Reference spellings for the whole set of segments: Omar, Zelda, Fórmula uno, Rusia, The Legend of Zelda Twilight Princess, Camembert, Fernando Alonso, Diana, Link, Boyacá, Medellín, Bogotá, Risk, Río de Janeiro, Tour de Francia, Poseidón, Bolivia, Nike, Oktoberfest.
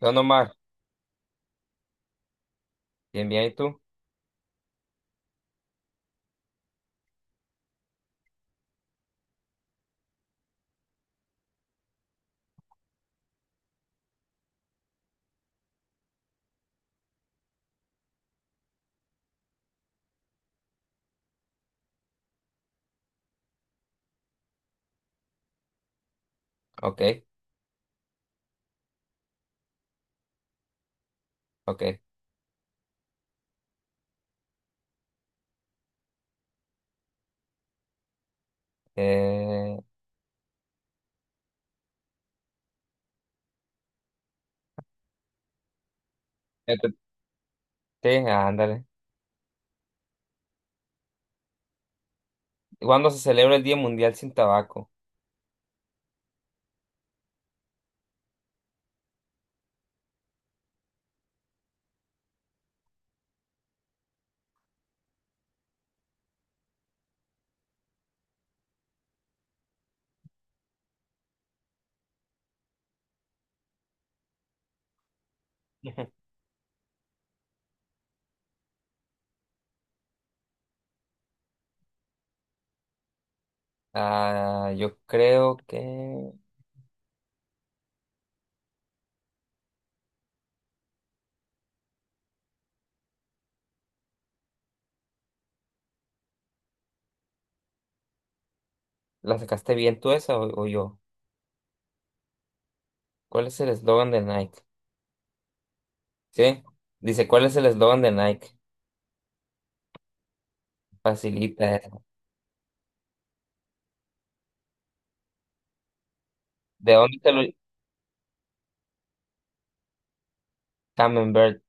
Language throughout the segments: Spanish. No, no más. Bien, bien, ¿y tú? Ok, ok. Eh, ya te- sí, ándale. ¿Cuándo se celebra el Día Mundial sin Tabaco? Ah, yo creo que la sacaste bien tú esa o yo. ¿Cuál es el eslogan de Nike? Sí. Dice, ¿cuál es el eslogan de Nike? Facilita. ¿De dónde te lo... Camembert.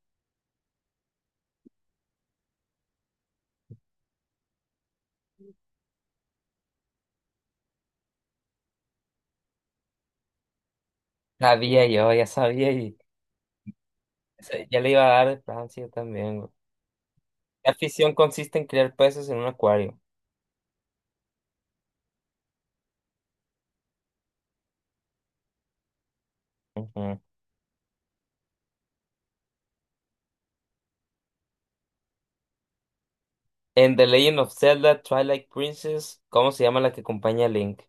Sabía yo, ya sabía y ya le iba a dar de Francia también, güey. ¿Qué afición consiste en criar peces en un acuario? Ujú. En The Legend of Zelda Twilight Princess, ¿cómo se llama la que acompaña a Link?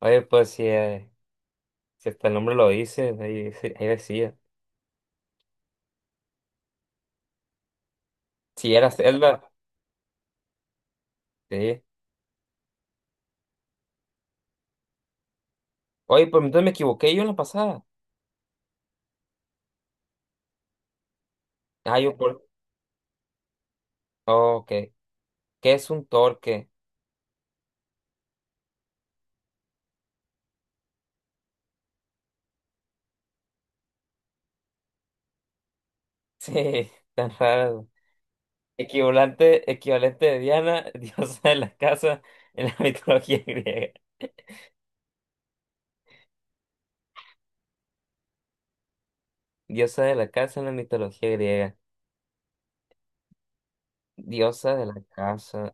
Oye, pues si, si hasta el nombre lo dice, ahí, ahí decía. Si era Zelda, sí. Oye, pues entonces me equivoqué yo en la pasada. Ah, yo por... Oh, ok. ¿Qué es un torque? Sí, tan raro. Equivalente de Diana, diosa de la casa en la mitología griega. Diosa de la casa en la mitología griega. Diosa de la casa.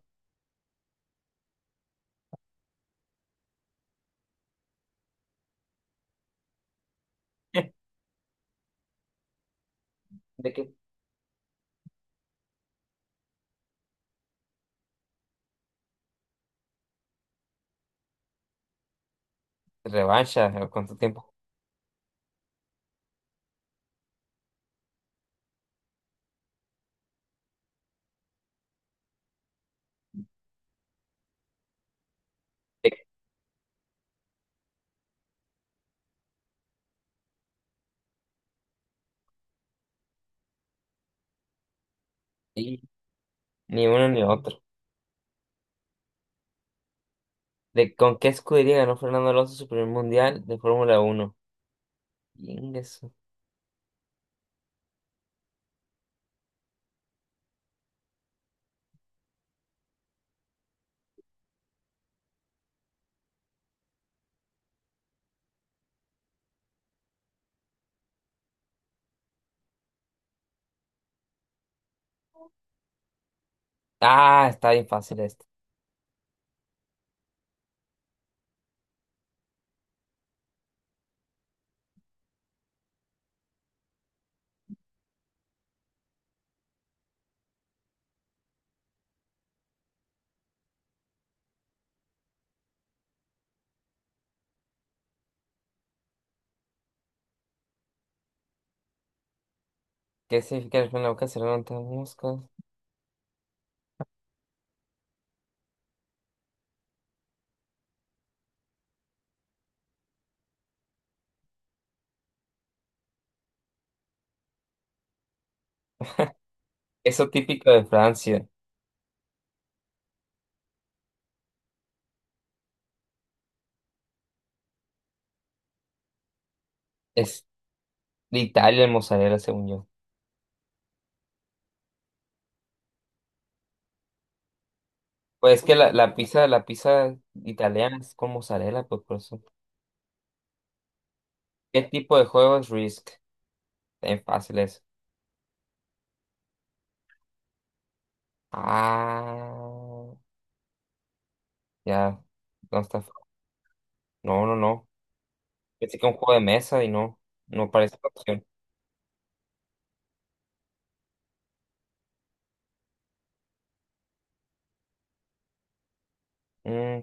¿De qué? Revancha, ¿cuánto tiempo? Ni uno ni otro. ¿De con qué escudería ganó Fernando Alonso su primer mundial de Fórmula uno? Ingreso. Ah, está bien fácil esto. ¿Qué significa el en la boca cerrada ante las moscas? Eso típico de Francia. Es de Italia el mozzarella, según yo. Pues es que la pizza italiana es con mozzarella, pues por eso. ¿Qué tipo de juego es Risk? Bien fácil eso. Ah, ya. No está. No, no, no. Pensé que un juego de mesa y no. No parece una opción. Mm,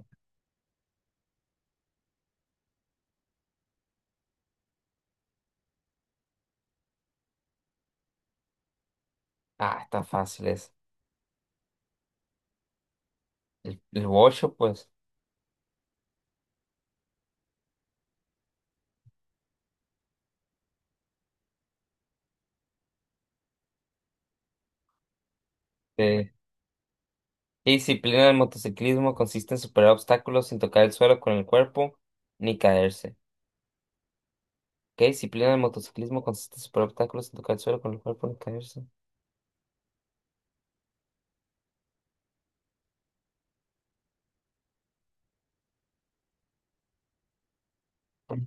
Ah, está fácil es. El Wosho, pues. Eh, ¿Qué disciplina del motociclismo consiste en superar obstáculos sin tocar el suelo con el cuerpo ni caerse? ¿Qué disciplina del motociclismo consiste en superar obstáculos sin tocar el suelo con el cuerpo ni caerse?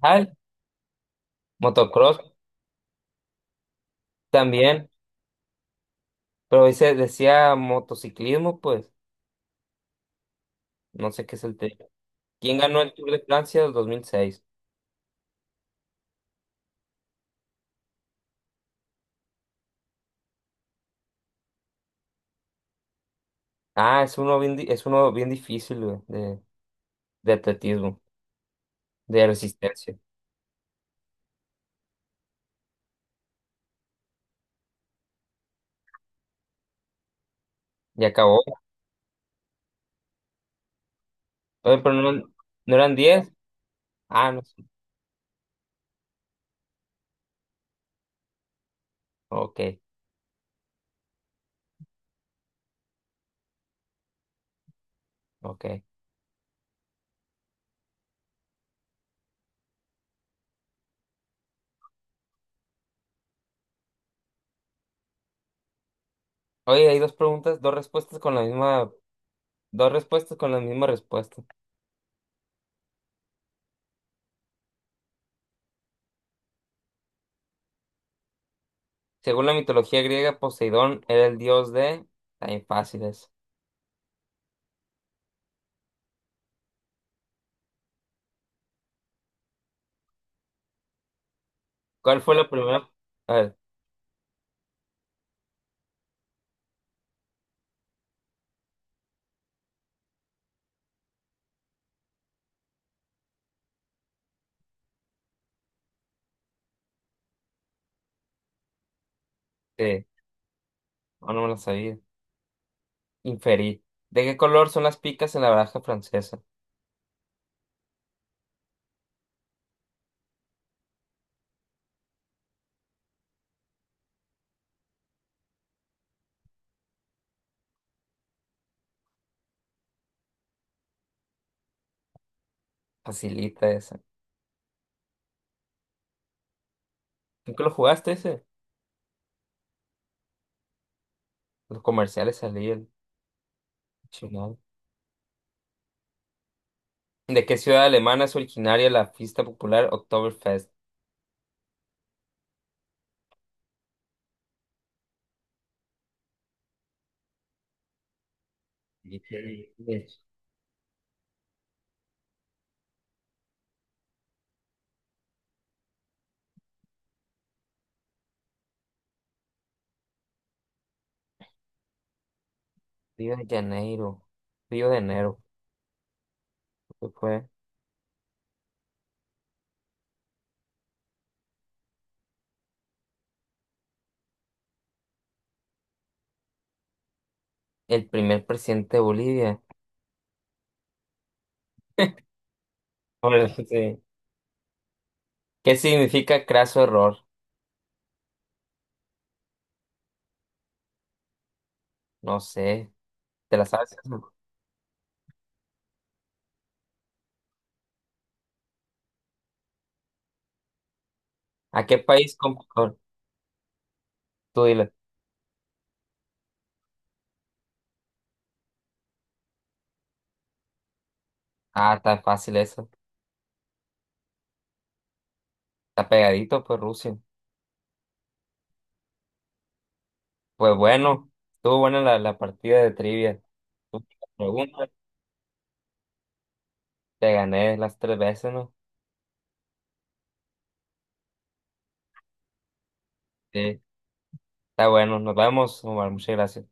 Ay, motocross también, pero dice, decía motociclismo, pues. No sé qué es el tema. ¿Quién ganó el Tour de Francia del 2006? Ah, es uno bien difícil, güey, de atletismo, de resistencia. Y acabó. Oye, pero no, no eran 10. Ah, no. Ok, ok. Oye, hay dos respuestas con la misma respuesta. Según la mitología griega, Poseidón era el dios de... También fáciles. ¿Cuál fue la primera? A ver, sí, no, no me la sabía. Inferí. ¿De qué color son las picas en la baraja francesa? Facilita esa. ¿Nunca lo jugaste ese? Los comerciales salían. Chingado. ¿De qué ciudad alemana es originaria la fiesta popular Oktoberfest? Sí, sí. Río de Janeiro. Río de Enero, creo fue. El primer presidente de Bolivia. Bueno, sí. ¿Qué significa craso error? No sé. ¿Te la sabes eso? ¿A qué país complicó? Tú dile. Ah, tan fácil eso. Está pegadito, pues Rusia. Pues bueno, estuvo buena la partida de trivia. Tú me preguntas, te gané las tres veces, ¿no? Sí. Está bueno, nos vemos, Omar. Muchas gracias.